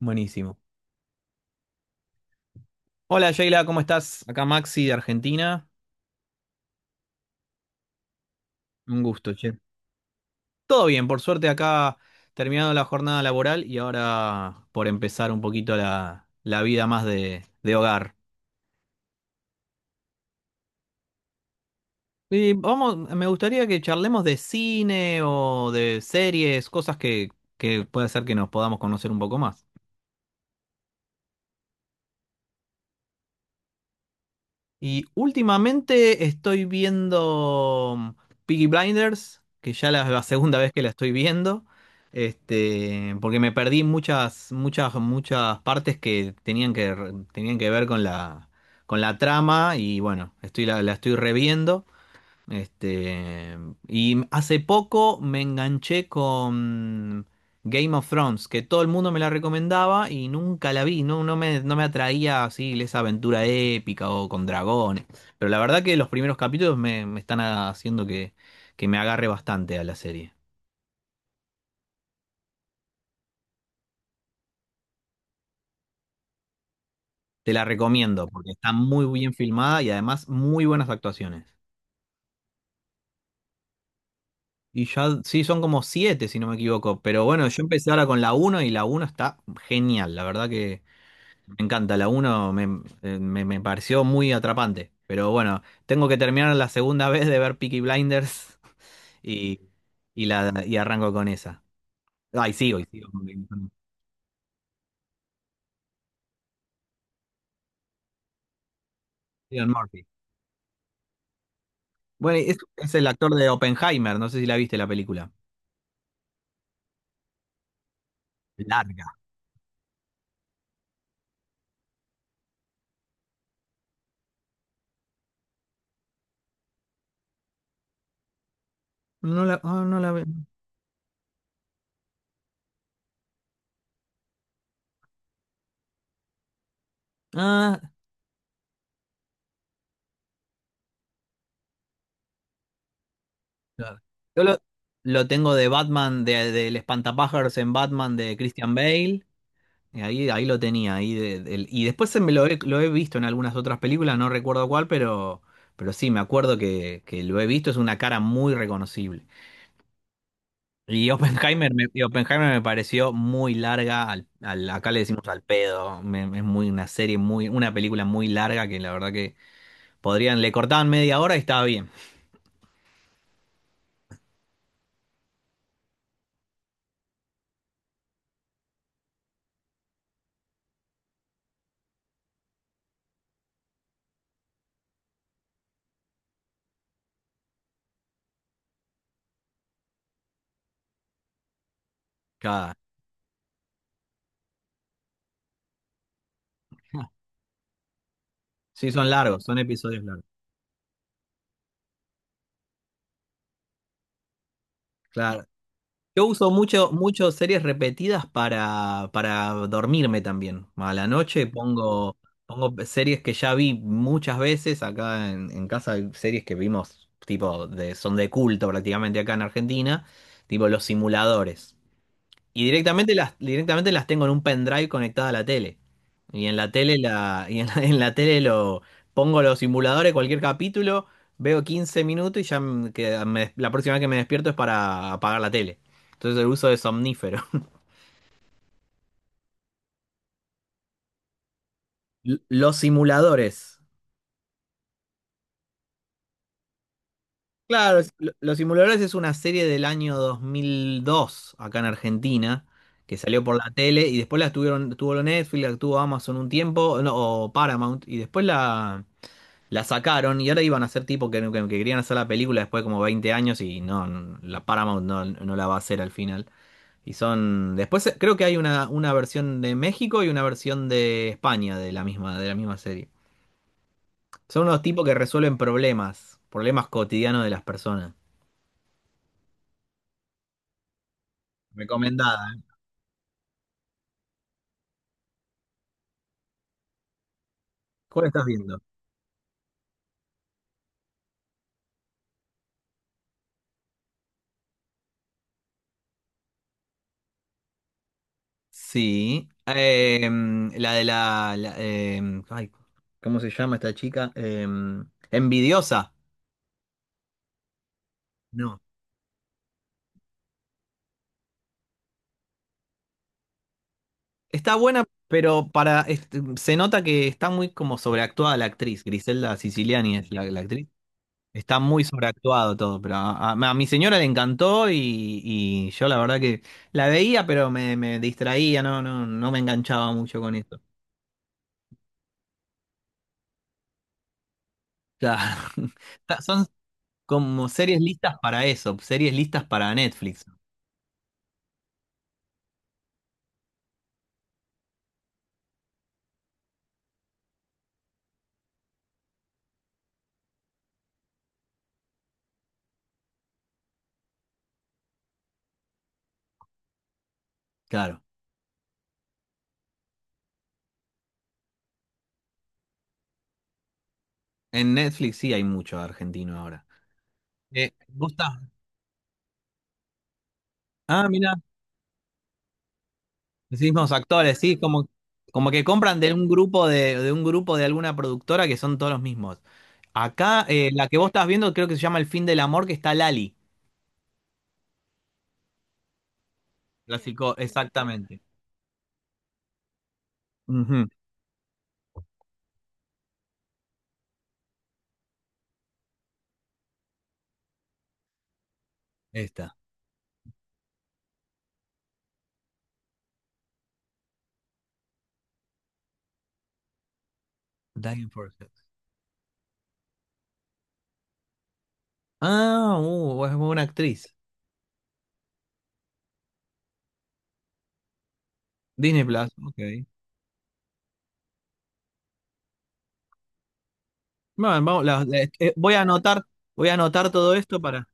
Buenísimo. Hola, Sheila, ¿cómo estás? Acá Maxi de Argentina. Un gusto, che. Todo bien, por suerte acá terminando la jornada laboral y ahora por empezar un poquito la vida más de hogar. Y vamos, me gustaría que charlemos de cine o de series, cosas que puede ser que nos podamos conocer un poco más. Y últimamente estoy viendo Piggy Blinders, que ya la segunda vez que la estoy viendo, porque me perdí muchas, muchas, muchas partes que tenían que, tenían que ver con la trama y bueno, estoy, la estoy reviendo. Este, y hace poco me enganché con Game of Thrones, que todo el mundo me la recomendaba y nunca la vi, no me atraía así esa aventura épica o con dragones. Pero la verdad que los primeros capítulos me están haciendo que me agarre bastante a la serie. Te la recomiendo porque está muy bien filmada y además muy buenas actuaciones. Y ya, sí, son como siete, si no me equivoco. Pero bueno, yo empecé ahora con la uno y la uno está genial. La verdad que me encanta, la uno me pareció muy atrapante. Pero bueno, tengo que terminar la segunda vez de ver Peaky Blinders y, y arranco con esa. Ay, sigo, y sigo con Cillian Murphy. Bueno, es el actor de Oppenheimer, no sé si la viste la película. Larga. No la, ah, no la ve- Ah, claro. Yo lo tengo de Batman, del Espantapájaros en Batman de Christian Bale. Y ahí, ahí lo tenía. Ahí de- del- y después se me lo he, Lo he visto en algunas otras películas, no recuerdo cuál, pero sí, me acuerdo que lo he visto, es una cara muy reconocible. Y Oppenheimer me pareció muy larga, acá le decimos al pedo, es muy una serie, muy, una película muy larga que la verdad que podrían, le cortaban media hora y estaba bien. Cada- sí, son largos, son episodios largos. Claro. Yo uso mucho series repetidas para dormirme también. A la noche pongo, pongo series que ya vi muchas veces. Acá en casa hay series que vimos, tipo, de, son de culto prácticamente acá en Argentina, tipo Los Simuladores. Y directamente directamente las tengo en un pendrive conectada a la tele. Y en la tele la, en la tele lo pongo los simuladores, cualquier capítulo, veo 15 minutos y ya la próxima vez que me despierto es para apagar la tele. Entonces el uso de somnífero. Los simuladores. Claro, Los simuladores es una serie del año 2002 acá en Argentina que salió por la tele y después la tuvieron, tuvo lo Netflix, la tuvo Amazon un tiempo, no, o Paramount y después la sacaron y ahora iban a hacer tipo que querían hacer la película después de como 20 años y no, no, la Paramount no, no la va a hacer al final. Y son. Después creo que hay una versión de México y una versión de España de la misma serie. Son unos tipos que resuelven problemas, problemas cotidianos de las personas. Recomendada, ¿eh? ¿Cuál estás viendo? Sí. La de la. ¿Cómo se llama esta chica? Envidiosa. No, está buena, pero se nota que está muy como sobreactuada la actriz. Griselda Siciliani es la actriz. Está muy sobreactuado todo, pero a mi señora le encantó y yo la verdad que la veía, pero me distraía, no me enganchaba mucho con eso. Claro. Está- son como series listas para eso, series listas para Netflix. Claro. En Netflix sí hay mucho argentino ahora. ¿Vos estás? Ah, mira. Los mismos actores, sí, como, como que compran de un grupo de un grupo de alguna productora que son todos los mismos. Acá, la que vos estás viendo, creo que se llama El fin del amor, que está Lali. Clásico, exactamente. Ujú. Esta. Diane Forsyth. Ah, es buena actriz. Disney Plus, ok. Bueno, vamos, voy a anotar todo esto para.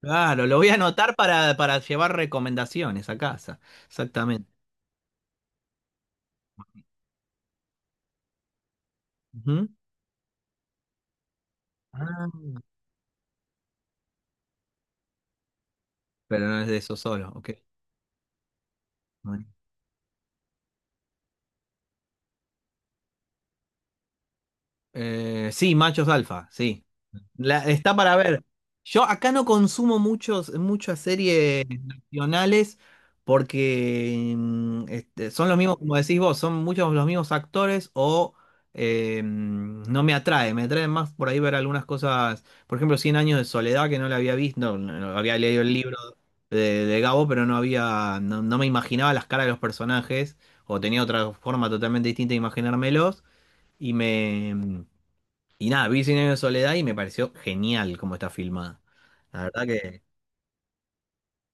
Claro, lo voy a anotar para llevar recomendaciones a casa. Exactamente. Ujú. Ah, pero no es de eso solo, ok. Bueno. Sí, machos alfa, sí. Está para ver. Yo acá no consumo muchas series nacionales porque son los mismos, como decís vos, son muchos los mismos actores o no me atrae. Me atrae más por ahí ver algunas cosas, por ejemplo, Cien años de soledad que no la había visto, no había leído el libro de Gabo, pero no había, no me imaginaba las caras de los personajes o tenía otra forma totalmente distinta de imaginármelos y me... Y nada, vi Cien años de soledad y me pareció genial cómo está filmada. La verdad que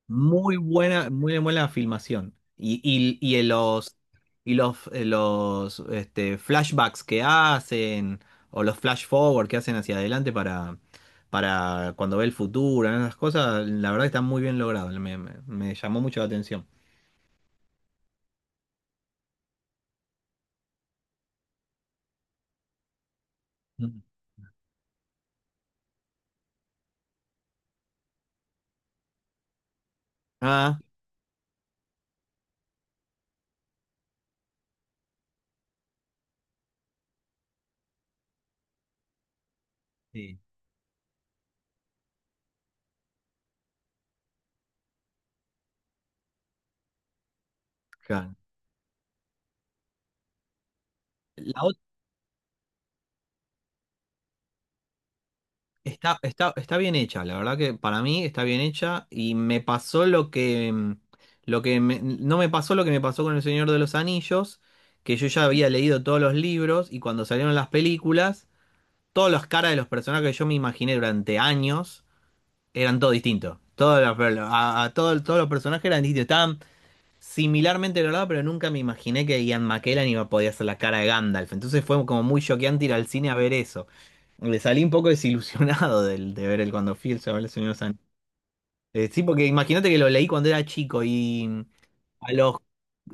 muy buena filmación. Y en los, y los, los este, flashbacks que hacen, o los flash forward que hacen hacia adelante para cuando ve el futuro, ¿no? Esas cosas, la verdad que están muy bien logradas. Me llamó mucho la atención. Mm. Ah, sí, claro. La Está, está bien hecha, la verdad que para mí está bien hecha y me pasó lo que, no me pasó lo que me pasó con El Señor de los Anillos, que yo ya había leído todos los libros y cuando salieron las películas, todas las caras de los personajes que yo me imaginé durante años eran todo distinto. Todos los, a todos, todos los personajes eran distintos similarmente logrado, pero nunca me imaginé que Ian McKellen iba a poder hacer la cara de Gandalf. Entonces fue como muy choqueante ir al cine a ver eso. Le salí un poco desilusionado de ver el cuando fui el Señor de los Anillos. Sí, porque imagínate que lo leí cuando era chico y a los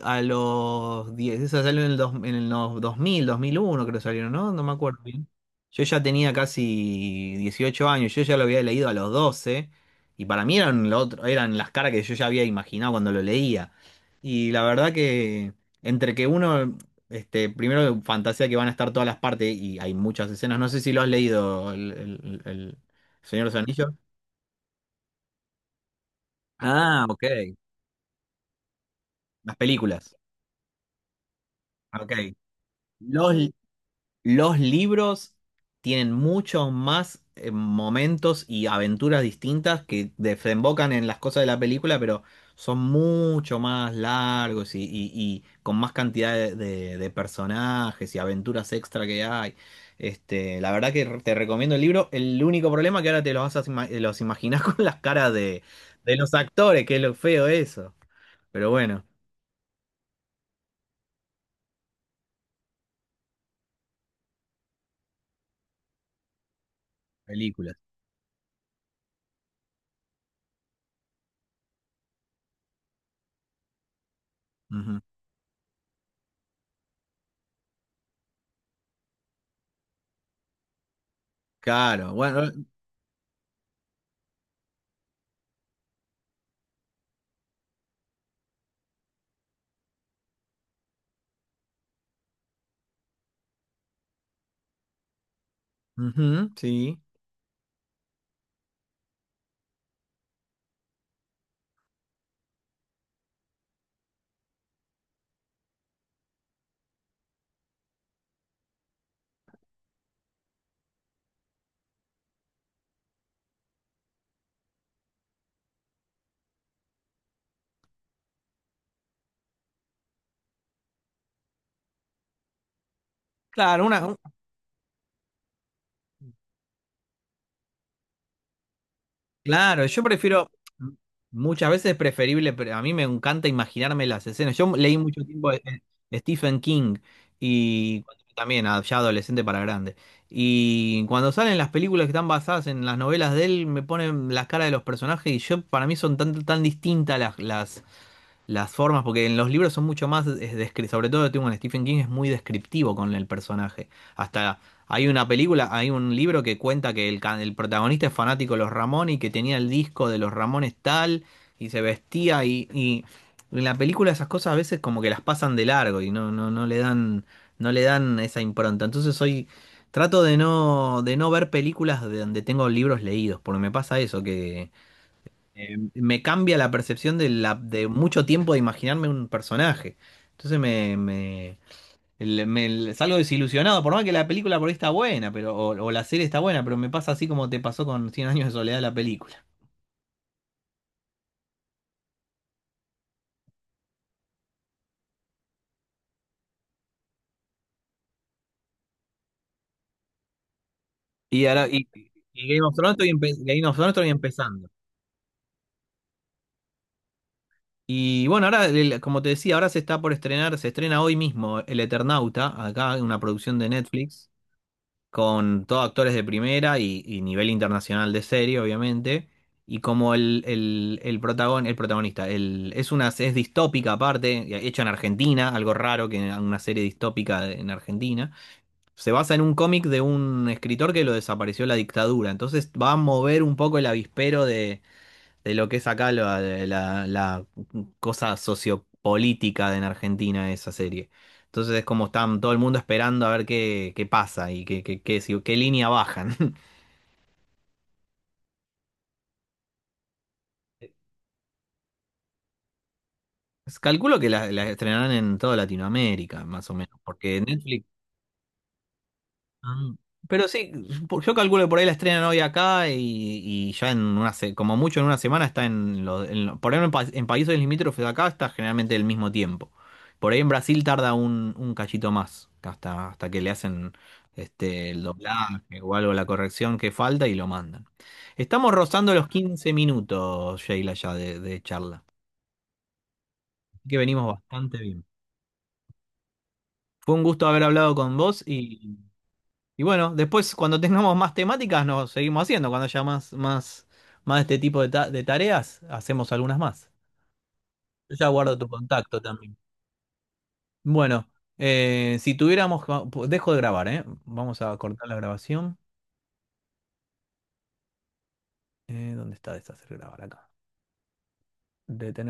a los 10 esa salió en el, dos, en el no- 2000, 2001 creo que salieron, ¿no? No me acuerdo bien. Yo ya tenía casi 18 años, yo ya lo había leído a los 12 y para mí eran, lo otro, eran las caras que yo ya había imaginado cuando lo leía. Y la verdad que entre que uno, primero fantasea que van a estar todas las partes y hay muchas escenas, no sé si lo has leído el Señor de los Anillos. Ah, ok. Las películas. Ok. Los Los libros tienen muchos más momentos y aventuras distintas que desembocan en las cosas de la película, pero son mucho más largos y con más cantidad de personajes y aventuras extra que hay. La verdad que te recomiendo el libro. El único problema que ahora te los vas a los imaginar con las caras de los actores, que es lo feo eso. Pero bueno, películas. Ujú. Claro, bueno, ujú, sí. Claro, una, claro, yo prefiero, muchas veces es preferible, pero a mí me encanta imaginarme las escenas. Yo leí mucho tiempo de Stephen King y también ya adolescente para grande. Y cuando salen las películas que están basadas en las novelas de él, me ponen las caras de los personajes y yo para mí son tan, tan distintas las formas, porque en los libros son mucho más, es sobre todo tengo en Stephen King, es muy descriptivo con el personaje. Hasta hay una película, hay un libro que cuenta que el protagonista es fanático de los Ramones y que tenía el disco de los Ramones tal y se vestía y en la película esas cosas a veces como que las pasan de largo y no le dan, no le dan esa impronta. Entonces soy, trato de no ver películas de donde tengo libros leídos, porque me pasa eso, que me cambia la percepción de, la, de mucho tiempo de imaginarme un personaje. Entonces el- me- salgo desilusionado, por más que la película por ahí está buena, pero, o la serie está buena, pero me pasa así como te pasó con Cien años de soledad la película. Y ahora, y, y Game of Thrones estoy, Game of Thrones estoy empezando. Y bueno, ahora, como te decía, ahora se está por estrenar, se estrena hoy mismo El Eternauta, acá una producción de Netflix. Con todos actores de primera y nivel internacional de serie, obviamente. Y como el protagonista es una es distópica aparte, hecha en Argentina, algo raro que una serie distópica en Argentina. Se basa en un cómic de un escritor que lo desapareció la dictadura. Entonces va a mover un poco el avispero de lo que es acá la cosa sociopolítica de en Argentina esa serie. Entonces es como están todo el mundo esperando a ver qué, qué pasa y qué, qué línea bajan. Calculo que la estrenarán en toda Latinoamérica, más o menos, porque Netflix... Ah, pero sí, yo calculo que por ahí la estrenan hoy acá y ya en una como mucho en una semana está en, por ahí en, en países limítrofes de acá está generalmente el mismo tiempo. Por ahí en Brasil tarda un cachito más, hasta, hasta que le hacen el doblaje o algo, la corrección que falta y lo mandan. Estamos rozando los 15 minutos, Sheila, ya de charla. Así que venimos bastante bien. Fue un gusto haber hablado con vos. Y bueno, después cuando tengamos más temáticas nos seguimos haciendo. Cuando haya más, más, más de este tipo de, de tareas, hacemos algunas más. Yo ya guardo tu contacto también. Bueno, si tuviéramos... Dejo de grabar, ¿eh? Vamos a cortar la grabación. ¿Dónde está deshacer grabar acá? Detener.